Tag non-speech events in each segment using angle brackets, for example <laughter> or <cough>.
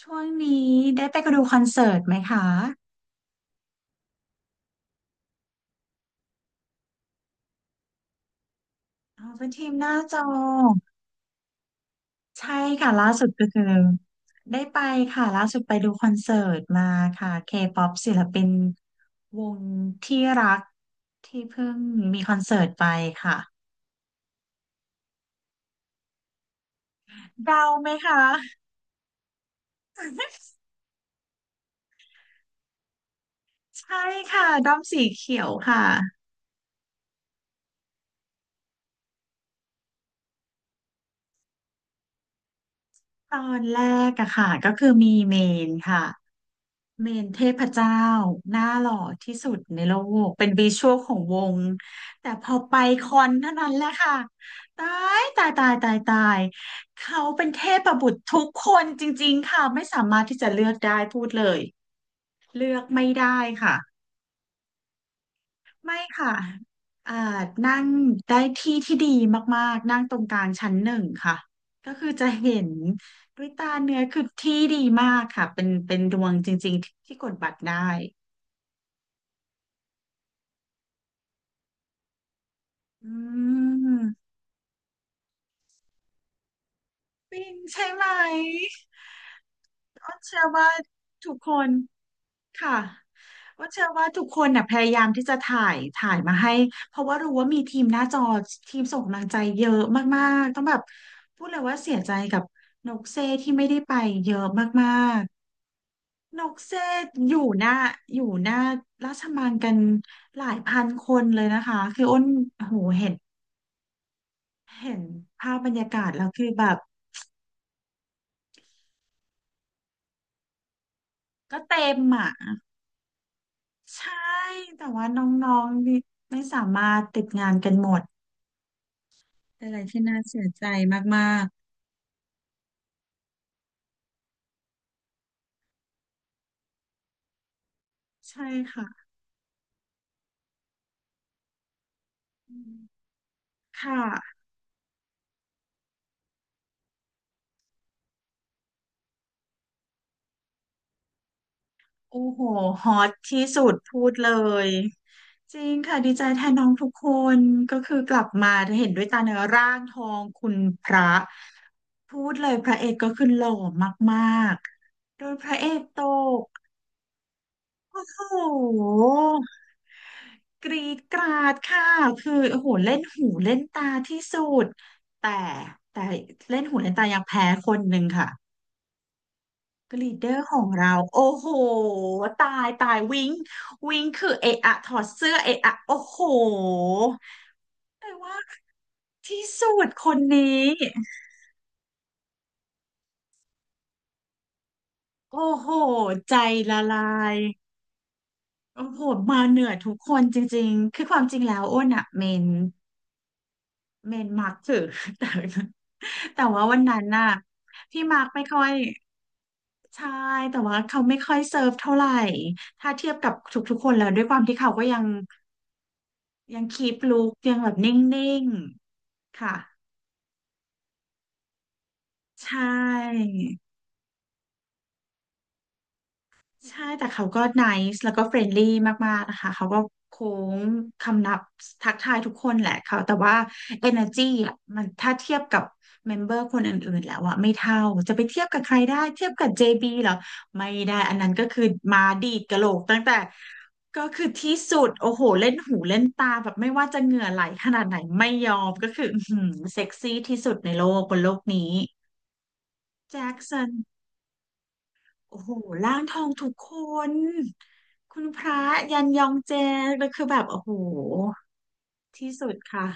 ช่วงนี้ได้ไปดูคอนเสิร์ตไหมคะอ๋อเป็นทีมหน้าจอใช่ค่ะล่าสุดก็คือได้ไปค่ะล่าสุดไปดูคอนเสิร์ตมาค่ะ K-pop ศิลปินวงที่รักที่เพิ่งมีคอนเสิร์ตไปค่ะเดาไหมคะ <laughs> ใช่ค่ะด้อมสีเขียวค่ะตอนแรกอะค่ะก็คือมีเมนค่ะ เมนเทพเจ้าหน้าหล่อที่สุดในโลกเป็นวิชวลของวงแต่พอไปคอนเท่านั้นแหละค่ะตายตายตายตายตายเขาเป็นเทพบุตรทุกคนจริงๆค่ะไม่สามารถที่จะเลือกได้พูดเลยเลือกไม่ได้ค่ะไม่ค่ะอ่านั่งได้ที่ที่ดีมากๆนั่งตรงกลางชั้นหนึ่งค่ะก็คือจะเห็นด้วยตาเนื้อคือที่ดีมากค่ะเป็นดวงจริงๆที่กดบัตรได้ อืมปิงใช่ไหมอ้นเชื่อว่าทุกคนค่ะอ้นเชื่อว่าทุกคนน่ะพยายามที่จะถ่ายมาให้เพราะว่ารู้ว่ามีทีมหน้าจอทีมส่งกำลังใจเยอะมากๆต้องแบบพูดเลยว่าเสียใจกับนกเซที่ไม่ได้ไปเยอะมากๆนกเซอยู่หน้าอยู่หน้าราชมังกันหลายพันคนเลยนะคะคืออ้นโอ้โหเห็นเห็นภาพบรรยากาศแล้วคือแบบ ก็เต็มอ่ะใช่แต่ว่าน้องๆนี่ไม่สามารถติดงานกันหมดเป็นอะไรที่น่าเสียใจมากๆใช่ค่ะอืมค่ะโอ้โหฮอตที่สุดพูดเลยจริงค่ะดีใจแทนน้องทุกคนก็คือกลับมาเห็นด้วยตาเนื้อร่างทองคุณพระพูดเลยพระเอกก็คือหล่อมากๆโดยพระเอกตกโอ้โห กรีดกราดค่ะคือโอ้โหเล่นหูเล่นตาที่สุดแต่แต่เล่นหูเล่นตายังแพ้คนหนึ่งค่ะก็ลีดเดอร์ของเราโอ้โหตายตายวิงคือเอะอะถอดเสื้อเอะอะโอ้โหแต่ว่าที่สุดคนนี้โอ้โหใจละลายโอ้โหมาเหนือทุกคนจริงๆคือความจริงแล้วอ้นอะเมน เมนมาร์กถือ <laughs> แต่ <laughs> แต่ว่าวันนั้นน่ะพี่มาร์กไม่ค่อยใช่แต่ว่าเขาไม่ค่อยเซิร์ฟเท่าไหร่ถ้าเทียบกับทุกๆคนแล้วด้วยความที่เขาก็ยังยังคีปลุคยังแบบนิ่งๆค่ะใช่ ใช่แต่เขาก็ nice แล้วก็เฟรนลี่มากๆนะคะเขาก็โค้งคำนับทักทายทุกคนแหละเขาแต่ว่า energy อ่ะมันถ้าเทียบกับเมมเบอร์คนอื่นๆแล้วอ่ะไม่เท่าจะไปเทียบกับใครได้เทียบกับ JB เหรอไม่ได้อันนั้นก็คือมาดีดกะโหลกตั้งแต่ก็คือที่สุดโอ้โหเล่นหูเล่นตาแบบไม่ว่าจะเหงื่อไหลขนาดไหนไม่ยอมก็คืออื้อหือเซ็กซี่ที่สุดในโลกบนโลกนี้แจ็คสัน โอ้โหร่างทองทุกคนคุณพระยันยองเจแล้วคือแบบโอ้โหที่สุดค่ะ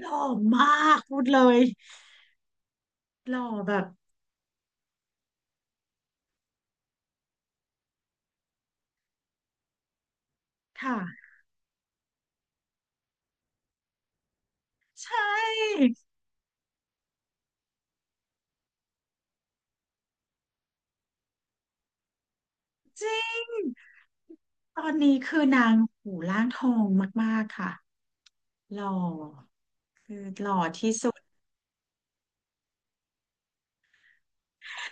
หล่อมากพูดเลยหล่อแบบค่ะใช่จริงตอนนี้คือนางหูร่างทองมากๆค่ะหล่อ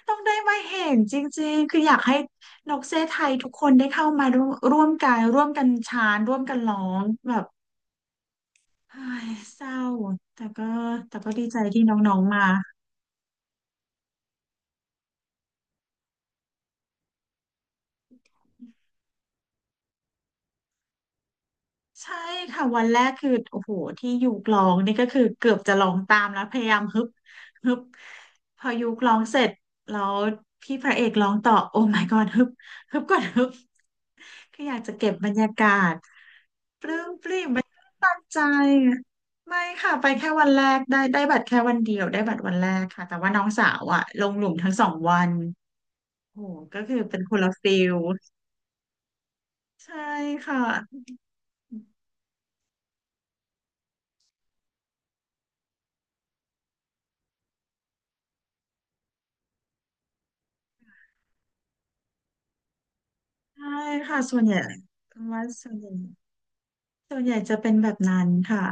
ต้องได้มาเห็นจริงๆคืออยากให้นกเซไทยทุกคนได้เข้ามาร่วมกันร่วมกันชานร่วมกันร้องแบบ เฮ้ยเศร้าแต่ก็แต่ก็ดีใจที่น้องๆมาใช่ค่ะวันแรกคือโอ้โหที่ยุกร้องนี่ก็คือเกือบจะลองตามแล้วพยายามฮึบฮึบพอยุกร้องเสร็จแล้วพี่พระเอกร้องต่อโอ้ my god ฮึบฮึบก่อนฮึบคืออยากจะเก็บบรรยากาศตั้งใจไม่ค่ะไปแค่วันแรกได้บัตรแค่วันเดียวได้บัตรวันแรกค่ะแต่ว่าน้องสาวอะลงหลุมทั้งสองวันโอ้โหก็คือเป็นคนละฟิลใช่ค่ะ ใช่ค่ะส่วนใหญ่คำว่าส่วนใหญ่ส่วนใหญ่จะเป็นแบบนั้นค่ะ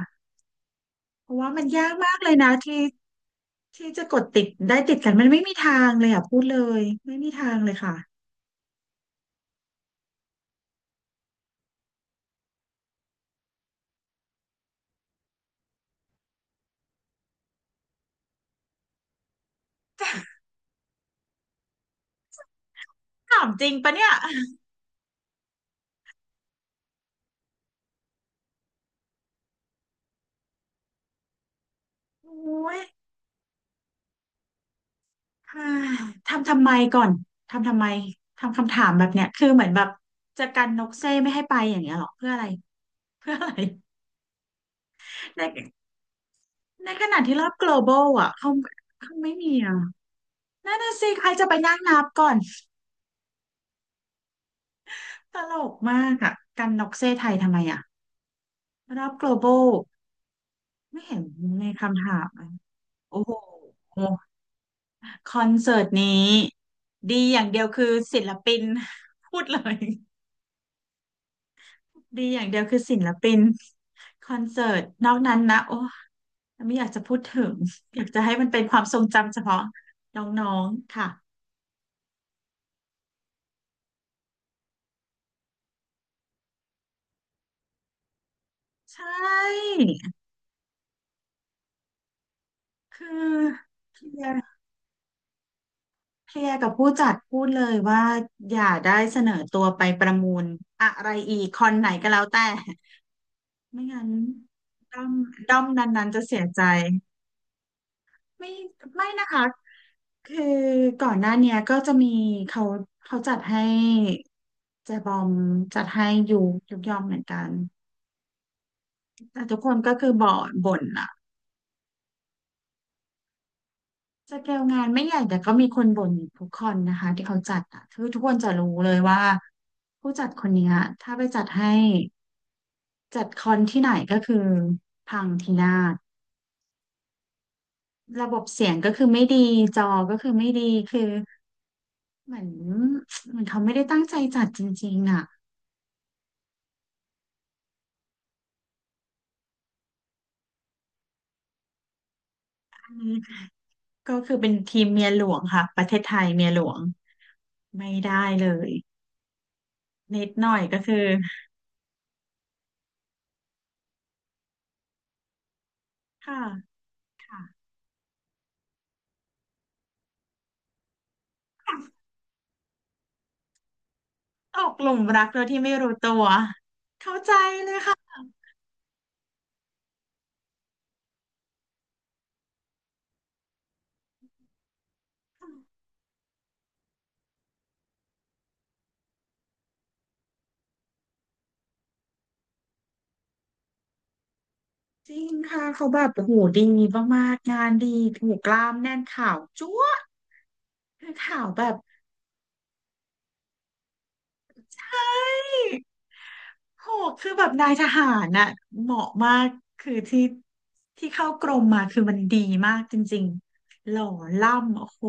เพราะว่ามันยากมากเลยนะที่จะกดติดได้ติดกันมันไม่มีทางเลยอ่ะพูดเลยไม่มีทางเลยค่ะถามจริงปะเนี่ยโอ้ยค่ะทำไมก่อนทำไมทำคำถามแบบเนี้ยคือเหมือนแบบจะกันนกเซ่ไม่ให้ไปอย่างเงี้ยหรอเพื่ออะไรเพื่ออะไรในในขณะที่รอบ global อ่ะเขาเขาไม่มีอ่ะนั่นน่ะสิใครจะไปนั่งนับก่อน ตลกมากอะกันน็อกเซ่ไทยทำไมอะรอบ global ไม่เห็นในคำถามอะโอ้โหคอนเสิร์ตนี้ดีอย่างเดียวคือศิลปิน <laughs> พูดเลยดีอย่างเดียวคือศิลปินคอนเสิร์ตนอกนั้นนะโอ้ไม่อยากจะพูดถึงอยากจะให้มันเป็นความทรงจำเฉพาะน้องๆค่ะใช่คือ เคลียร์กับผู้จัดพูดเลยว่าอย่าได้เสนอตัวไปประมูลอะไรอีกคอนไหนก็แล้วแต่ไม่งั้นด้อมด้อมนั้นๆจะเสียใจไม่ไม่นะคะคือก่อนหน้าเนี้ยก็จะมีเขาเขาจัดให้แจบอมจัดให้ยูยุกยอมเหมือนกันแต่ทุกคนก็คือบ่นบ่นอะสเกลงานไม่ใหญ่แต่ก็มีคนบ่นอยู่ทุกคนนะคะที่เขาจัดอะคือทุกคนจะรู้เลยว่าผู้จัดคนเนี้ยถ้าไปจัดให้ จัดคอนที่ไหนก็คือพังพินาศระบบเสียงก็คือไม่ดีจอก็คือไม่ดีคือเหมือนเหมือนเขาไม่ได้ตั้งใจจัดจริงๆอ่ะอันนี้ก็คือเป็นทีมเมียหลวงค่ะประเทศไทยเมียหลวงไม่ได้เลยนิดหน่อยก็คือค่ะค่ะตกหลุมรักโดยที่ไม่รู้ตัวเข้าใจเลยค่ะจริงค่ะเขาแบบโอ้โหดีมากๆงานดีโอ้โหูกล้ามแน่นข่าวจั๊วะคือข่าวแบบ โหคือแบบนายทหารน่ะเหมาะมาก คือที่ที่เข้ากรมมาคือมันดีมากจริงๆหล่อล่ำโอ้โห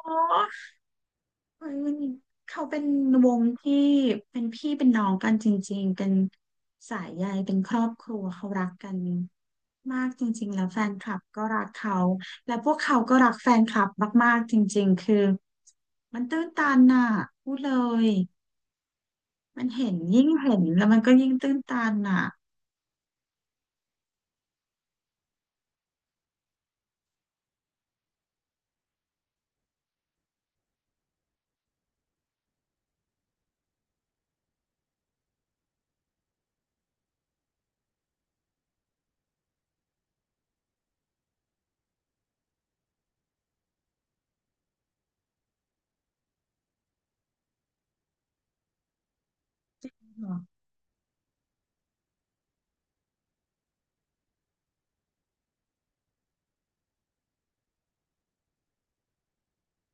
โอ้เฮ้ยมันเขาเป็นวงที่เป็นพี่เป็นน้องกันจริงๆเป็นสายใยเป็นครอบครัวเขารักกันมากจริงๆแล้วแฟนคลับก็รักเขาและพวกเขาก็รักแฟนคลับมากๆจริงๆคือมันตื้นตันน่ะพูดเลย มันเห็นยิ่งเห็นแล้วมันก็ยิ่งตื้นตันอ่ะ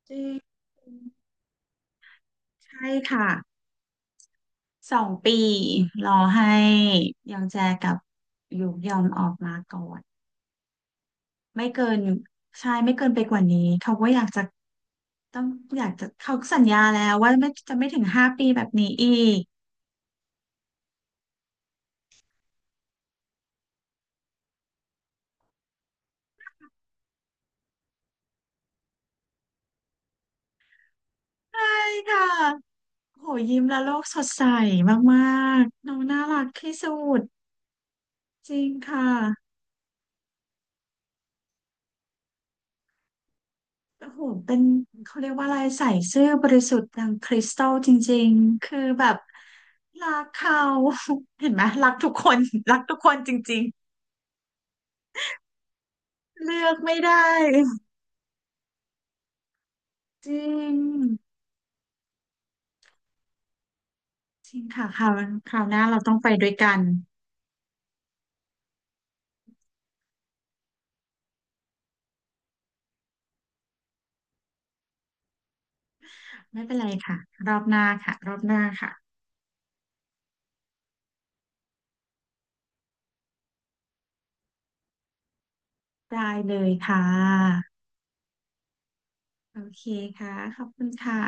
จริงใช่ค่ะ2 ปีรอให้ยองแจกับหยูยอมออกมาก่อนไม่เกินใช่ไม่เกินไปกว่านี้เขาก็อยากจะต้องอยากจะเขาสัญญาแล้วว่าไม่จะไม่ถึง5 ปีแบบนี้อีกใช่ค่ะ โหยิ้มแล้วโลกสดใสมากๆน้องน่ารักที่สุดจริงค่ะ โอ้โหเป็นเขาเรียกว่าอะไรใส่ซื่อบริสุทธิ์ดังคริสตัลจริงๆ คือแบบรักเขา <laughs> เห็นไหมรักทุกคน <laughs> รักทุกคนจริงๆเลือกไม่ได้จริงจริงค่ะคราวหน้าเราต้องไปด้วยกันไม่เป็นไรค่ะรอบหน้าค่ะรอบหน้าค่ะได้เลยค่ะโอเคค่ะขอบคุณค่ะ